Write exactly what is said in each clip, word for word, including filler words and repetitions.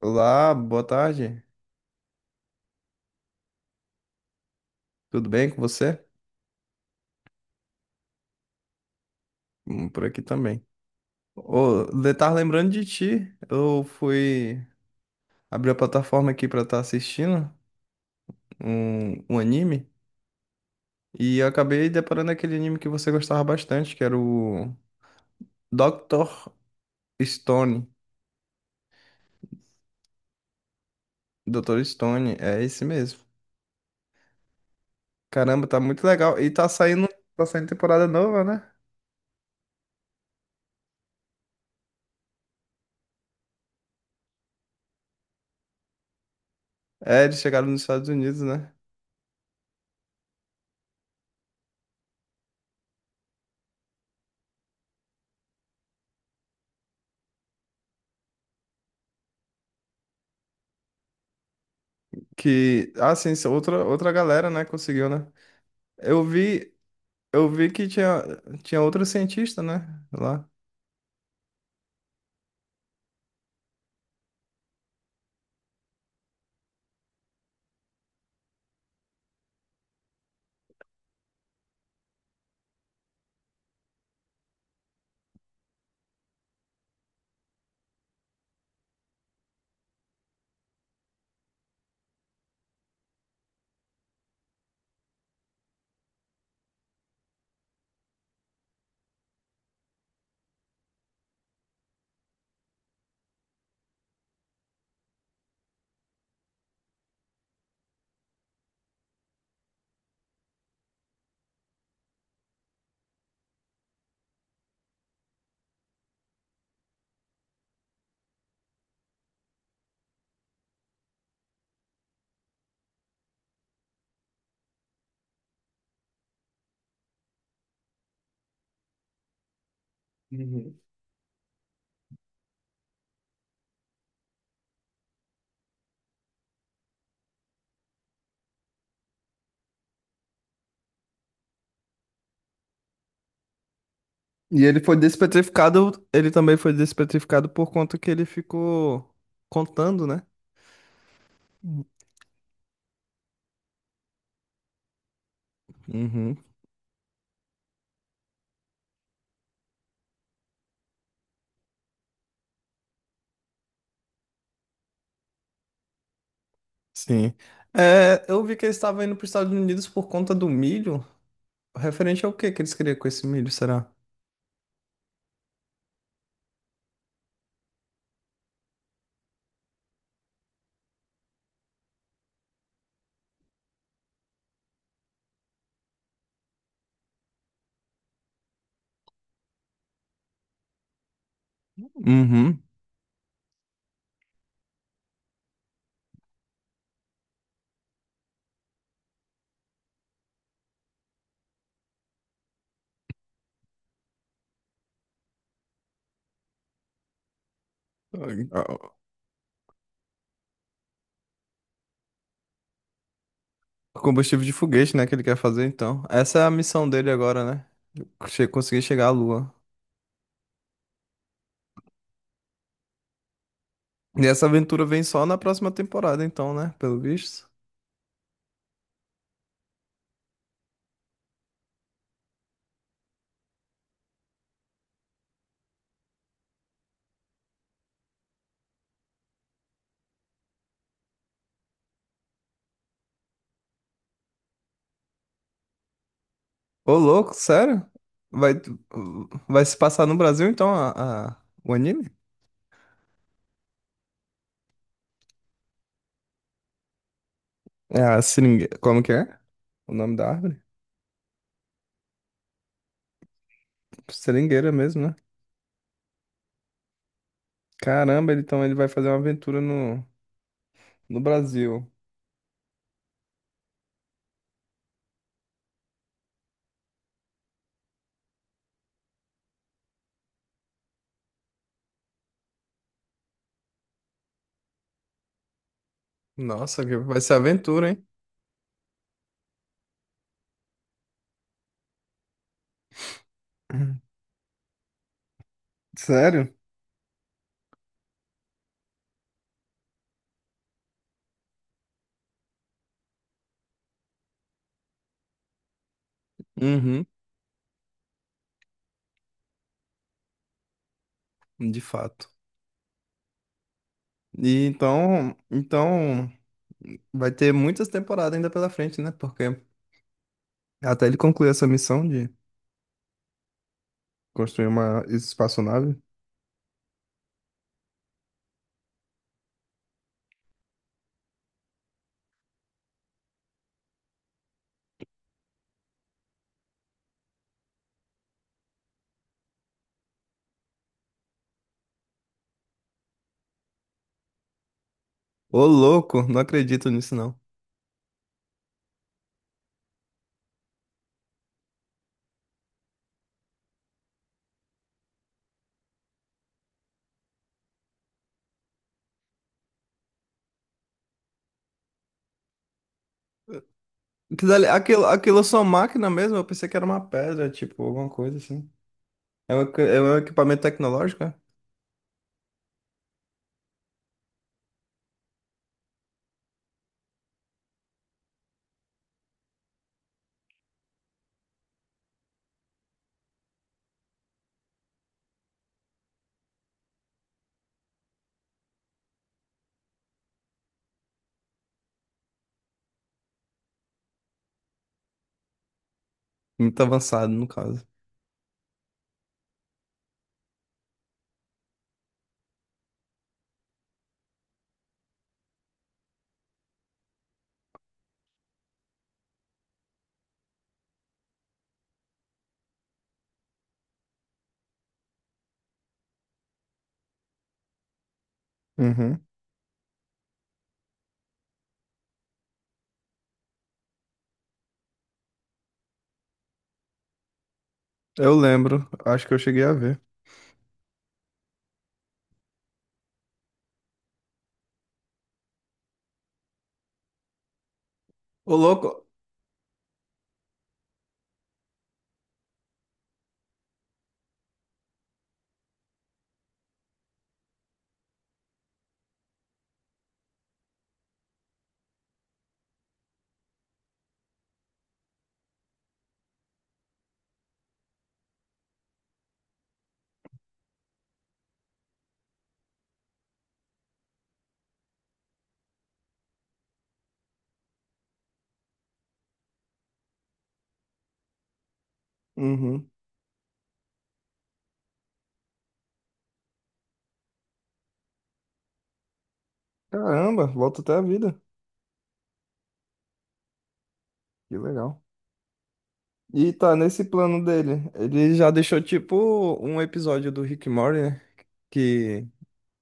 Olá, boa tarde. Tudo bem com você? Hum, Por aqui também. Ô, le- tava lembrando de ti. Eu fui abrir a plataforma aqui pra estar assistindo um, um anime e eu acabei deparando aquele anime que você gostava bastante, que era o doutor Stone. doutor Stone, é esse mesmo. Caramba, tá muito legal. E tá saindo, tá saindo temporada nova, né? É, eles chegaram nos Estados Unidos, né? Que, ah, sim, isso é outra, outra galera, né, conseguiu, né? Eu vi, eu vi que tinha, tinha outro cientista, né? Lá. Uhum. E ele foi despetrificado, ele também foi despetrificado por conta que ele ficou contando, né? Uhum. Sim. É, eu vi que eles estavam indo para os Estados Unidos por conta do milho. Referente ao que que eles queriam com esse milho, será? Uhum. O combustível de foguete, né, que ele quer fazer, então. Essa é a missão dele agora, né? Che- Conseguir chegar à Lua. E essa aventura vem só na próxima temporada, então, né? Pelo visto. Ô, louco, sério? Vai, vai se passar no Brasil, então, a, a- o anime? É a seringueira. Como que é? O nome da árvore? Seringueira mesmo, né? Caramba, ele- então ele vai fazer uma aventura no, no Brasil. Nossa, que vai ser aventura, hein? Sério? Uhum, de fato. E então, então vai ter muitas temporadas ainda pela frente, né? Porque até ele concluir essa missão de construir uma espaçonave. Ô, louco, não acredito nisso, não. Aquilo, ali- aquilo aquilo é só máquina mesmo? Eu pensei que era uma pedra, tipo, alguma coisa assim. É um, equi- é um equipamento tecnológico, é? Muito avançado, no caso. Uhum. Eu lembro, acho que eu cheguei a ver. Ô, louco! Uhum. Caramba, volta até a vida. Que legal. E tá nesse plano dele. Ele já deixou, tipo, um episódio do Rick and Morty, né? Que,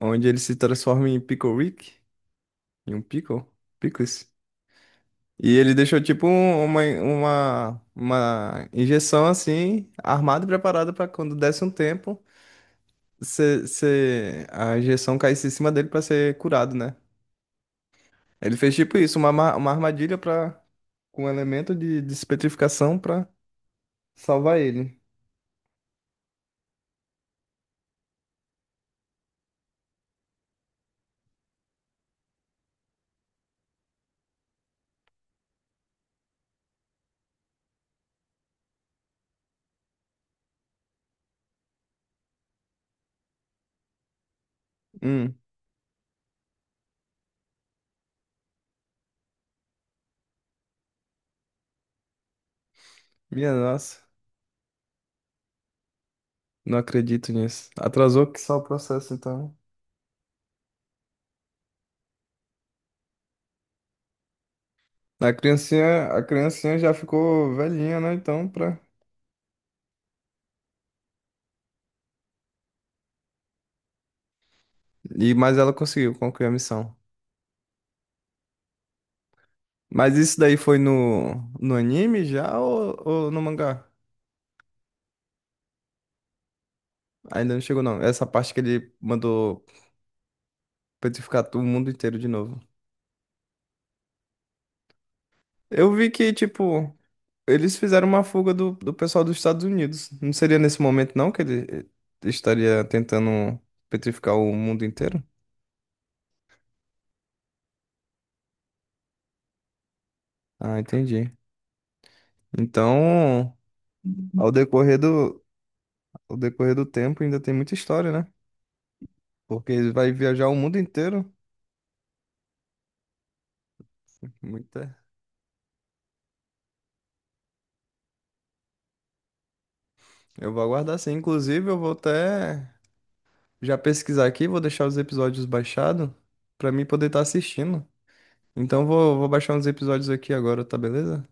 onde ele se transforma em Pickle Rick, em um pickle, pickles. E ele deixou tipo um- uma, uma, uma injeção assim, armada e preparada para quando desse um tempo, cê, cê- a injeção caísse em cima dele para ser curado, né? Ele fez tipo isso, uma, ma- uma armadilha para com um elemento de despetrificação para salvar ele. Hum, minha nossa, não acredito nisso. Atrasou que só o processo então. A criancinha, a criancinha já ficou velhinha, né? Então, pra... E, mas ela conseguiu concluir a missão. Mas isso daí foi no, no anime já ou, ou no mangá? Ainda não chegou, não. Essa parte que ele mandou petrificar o mundo inteiro de novo. Eu vi que, tipo, eles fizeram uma fuga do, do pessoal dos Estados Unidos. Não seria nesse momento, não, que ele estaria tentando petrificar o mundo inteiro? Ah, entendi. Então, ao decorrer do, ao decorrer do tempo, ainda tem muita história, né? Porque ele vai viajar o mundo inteiro. Muita. Eu vou aguardar sim. Inclusive, eu vou até. Já pesquisar aqui, vou deixar os episódios baixados pra mim poder estar assistindo. Então vou, vou baixar uns episódios aqui agora, tá beleza?